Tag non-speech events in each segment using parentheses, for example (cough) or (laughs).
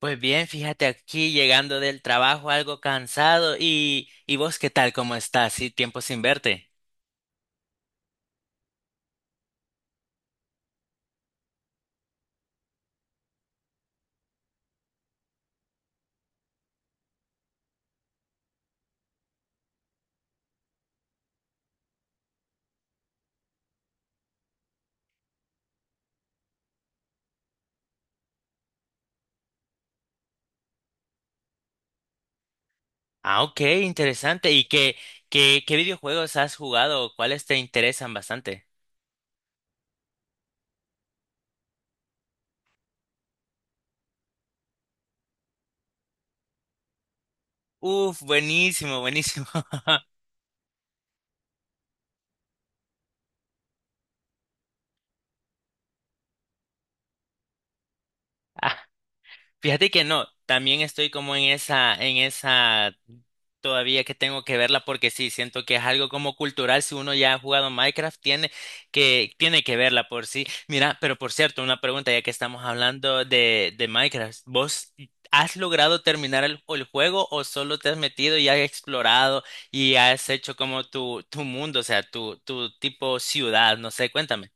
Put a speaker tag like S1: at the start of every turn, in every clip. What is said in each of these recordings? S1: Pues bien, fíjate aquí llegando del trabajo algo cansado y vos qué tal, cómo estás, sí, tiempo sin verte. Ah, ok, interesante. ¿Y qué videojuegos has jugado? ¿Cuáles te interesan bastante? Uf, buenísimo, buenísimo. (laughs) Fíjate que no, también estoy como en esa todavía que tengo que verla porque sí, siento que es algo como cultural. Si uno ya ha jugado Minecraft, tiene que verla por sí. Mira, pero por cierto, una pregunta ya que estamos hablando de Minecraft. ¿Vos has logrado terminar el juego o solo te has metido y has explorado y has hecho como tu mundo, o sea, tu tipo ciudad? No sé, cuéntame.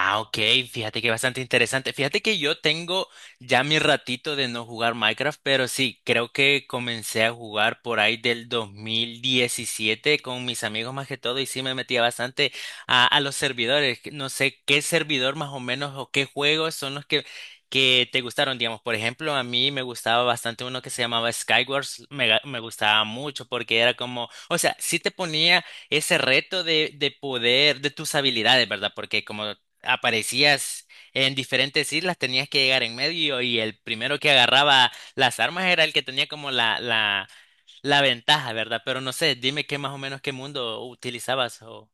S1: Ah, ok, fíjate que bastante interesante. Fíjate que yo tengo ya mi ratito de no jugar Minecraft, pero sí, creo que comencé a jugar por ahí del 2017 con mis amigos más que todo y sí me metía bastante a los servidores. Que no sé qué servidor más o menos o qué juegos son los que te gustaron, digamos. Por ejemplo, a mí me gustaba bastante uno que se llamaba Skyward, me gustaba mucho porque era como, o sea, sí te ponía ese reto de poder, de tus habilidades, ¿verdad? Porque como aparecías en diferentes islas, tenías que llegar en medio y el primero que agarraba las armas era el que tenía como la ventaja, ¿verdad? Pero no sé, dime qué más o menos qué mundo utilizabas o...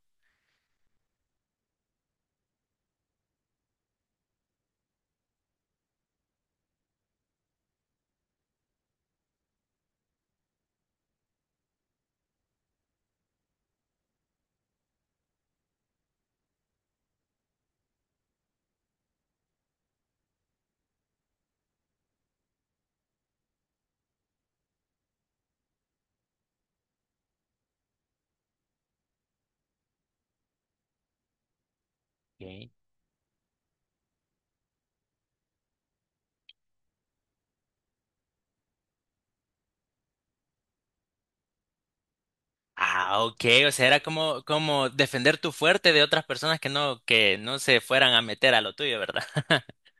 S1: Ok. Ah, ok, o sea, era como defender tu fuerte de otras personas que no se fueran a meter a lo tuyo, ¿verdad? (laughs)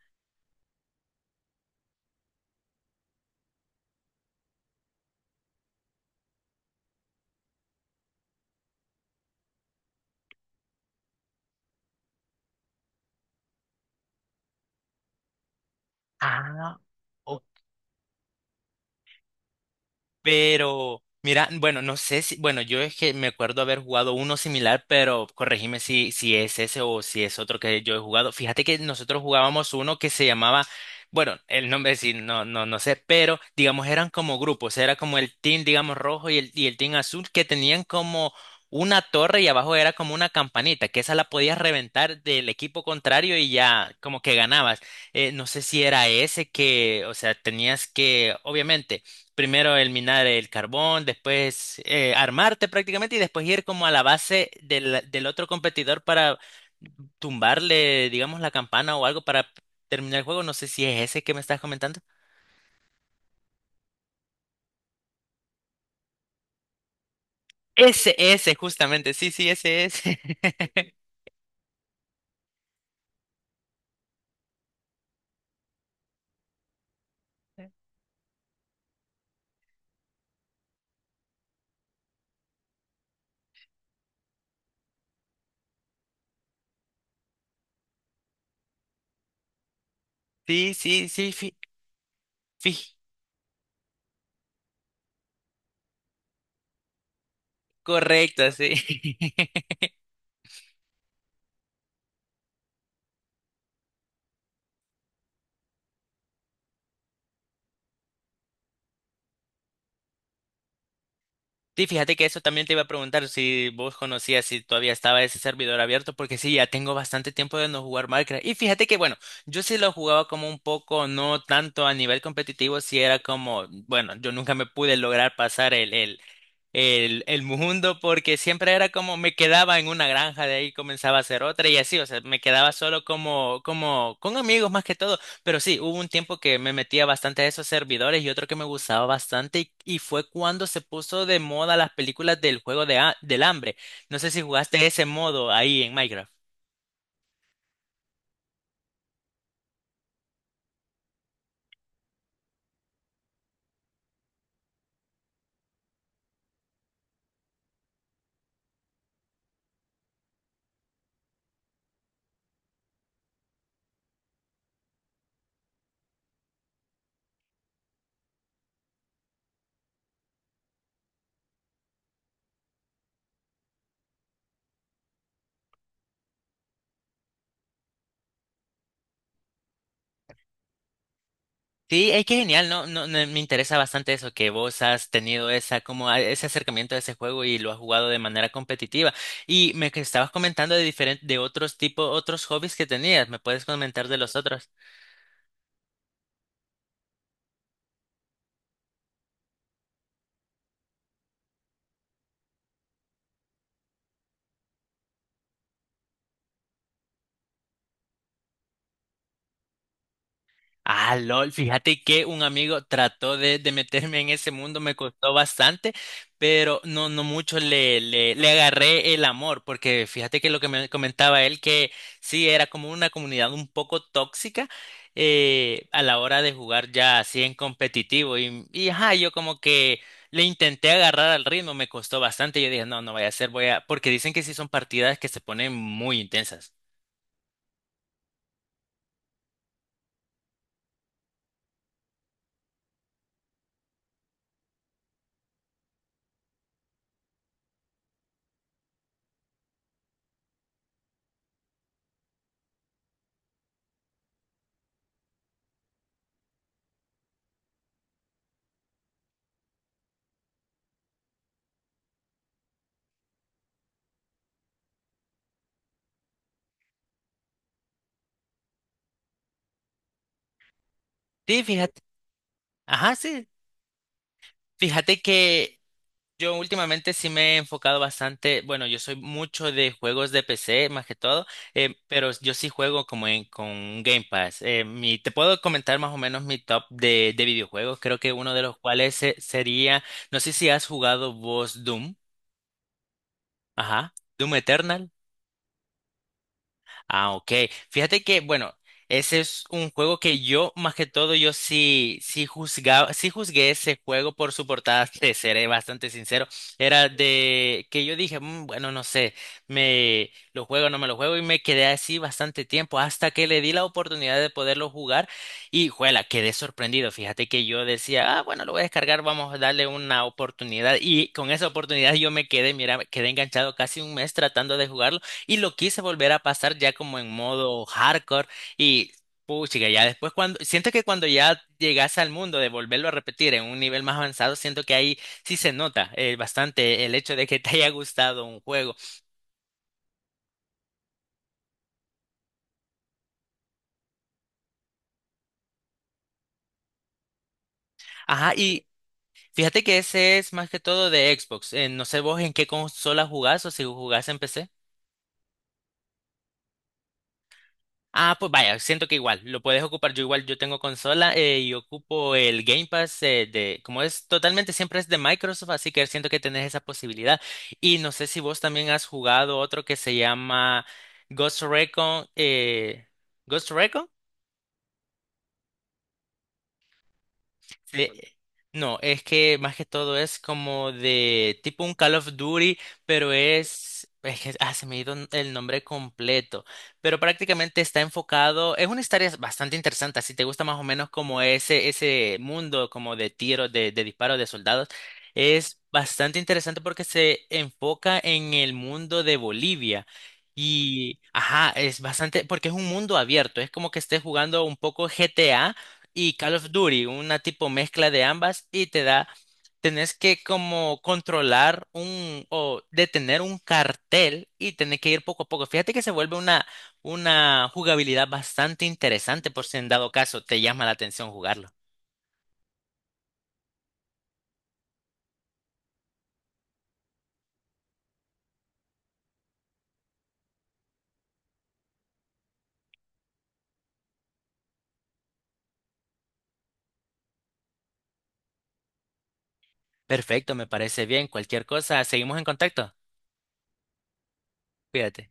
S1: Ah, ok. Pero, mira, bueno, no sé si, bueno, yo es que me acuerdo haber jugado uno similar, pero corregime si es ese o si es otro que yo he jugado. Fíjate que nosotros jugábamos uno que se llamaba, bueno, el nombre sí, no, no, no sé, pero digamos eran como grupos, era como el team, digamos, rojo y y el team azul que tenían como una torre y abajo era como una campanita, que esa la podías reventar del equipo contrario y ya como que ganabas. No sé si era ese que, o sea, tenías que, obviamente. Primero el minar el carbón, después armarte prácticamente y después ir como a la base del otro competidor para tumbarle, digamos, la campana o algo para terminar el juego. No sé si es ese que me estás comentando. Ese, justamente. Sí, sí, ese es. (laughs) Sí, sí, sí, fi- correcto, sí. (laughs) Sí, fíjate que eso también te iba a preguntar si vos conocías si todavía estaba ese servidor abierto, porque sí, ya tengo bastante tiempo de no jugar Minecraft. Y fíjate que, bueno, yo sí lo jugaba como un poco, no tanto a nivel competitivo, si era como, bueno, yo nunca me pude lograr pasar el mundo porque siempre era como me quedaba en una granja, de ahí comenzaba a hacer otra y así, o sea, me quedaba solo como con amigos más que todo, pero sí, hubo un tiempo que me metía bastante a esos servidores y otro que me gustaba bastante y fue cuando se puso de moda las películas del juego del hambre. No sé si jugaste ese modo ahí en Minecraft. Sí, es que genial, ¿no? No, no, me interesa bastante eso, que vos has tenido esa, como ese acercamiento a ese juego y lo has jugado de manera competitiva. Y me que estabas comentando de diferentes, de otros tipos, otros hobbies que tenías. ¿Me puedes comentar de los otros? Ah, LOL, fíjate que un amigo trató de meterme en ese mundo, me costó bastante, pero no, no mucho le agarré el amor, porque fíjate que lo que me comentaba él, que sí, era como una comunidad un poco tóxica a la hora de jugar ya así en competitivo, y ajá, yo como que le intenté agarrar al ritmo, me costó bastante, yo dije, no, no vaya a ser, voy a, porque dicen que sí son partidas que se ponen muy intensas. Sí, fíjate, ajá, sí. Fíjate que yo últimamente sí me he enfocado bastante, bueno, yo soy mucho de juegos de PC más que todo, pero yo sí juego como con un Game Pass. Te puedo comentar más o menos mi top de videojuegos, creo que uno de los cuales sería, no sé si has jugado vos Doom, ajá, Doom Eternal. Ah, ok. Fíjate que, bueno, ese es un juego que yo, más que todo, yo sí, sí juzgaba, sí juzgué ese juego por su portada, (laughs) te seré bastante sincero. Era de que yo dije, "Mm, bueno, no sé, me lo juego, no me lo juego, y me quedé así bastante tiempo hasta que le di la oportunidad de poderlo jugar y, juela, quedé sorprendido. Fíjate que yo decía, ah, bueno, lo voy a descargar, vamos a darle una oportunidad. Y con esa oportunidad yo me quedé, mira, quedé enganchado casi un mes tratando de jugarlo. Y lo quise volver a pasar ya como en modo hardcore y puchica, ya después cuando siento que cuando ya llegas al mundo de volverlo a repetir en un nivel más avanzado, siento que ahí sí se nota bastante el hecho de que te haya gustado un juego. Ajá, y fíjate que ese es más que todo de Xbox. No sé vos en qué consola jugás o si jugás en PC. Ah, pues vaya, siento que igual, lo puedes ocupar. Yo igual, yo tengo consola y ocupo el Game Pass como es totalmente, siempre es de Microsoft, así que siento que tenés esa posibilidad. Y no sé si vos también has jugado otro que se llama Ghost Recon. ¿Ghost Recon? Sí, no, es que más que todo es como de tipo un Call of Duty, pero es que se me ha ido el nombre completo, pero prácticamente está enfocado, es una historia bastante interesante, si te gusta más o menos como ese mundo como de tiros, de disparos de soldados, es bastante interesante porque se enfoca en el mundo de Bolivia. Y, ajá, es bastante, porque es un mundo abierto, es como que estés jugando un poco GTA, y Call of Duty, una tipo mezcla de ambas y te da, tenés que como controlar un o detener un cartel y tenés que ir poco a poco. Fíjate que se vuelve una jugabilidad bastante interesante por si en dado caso te llama la atención jugarlo. Perfecto, me parece bien. Cualquier cosa, seguimos en contacto. Cuídate.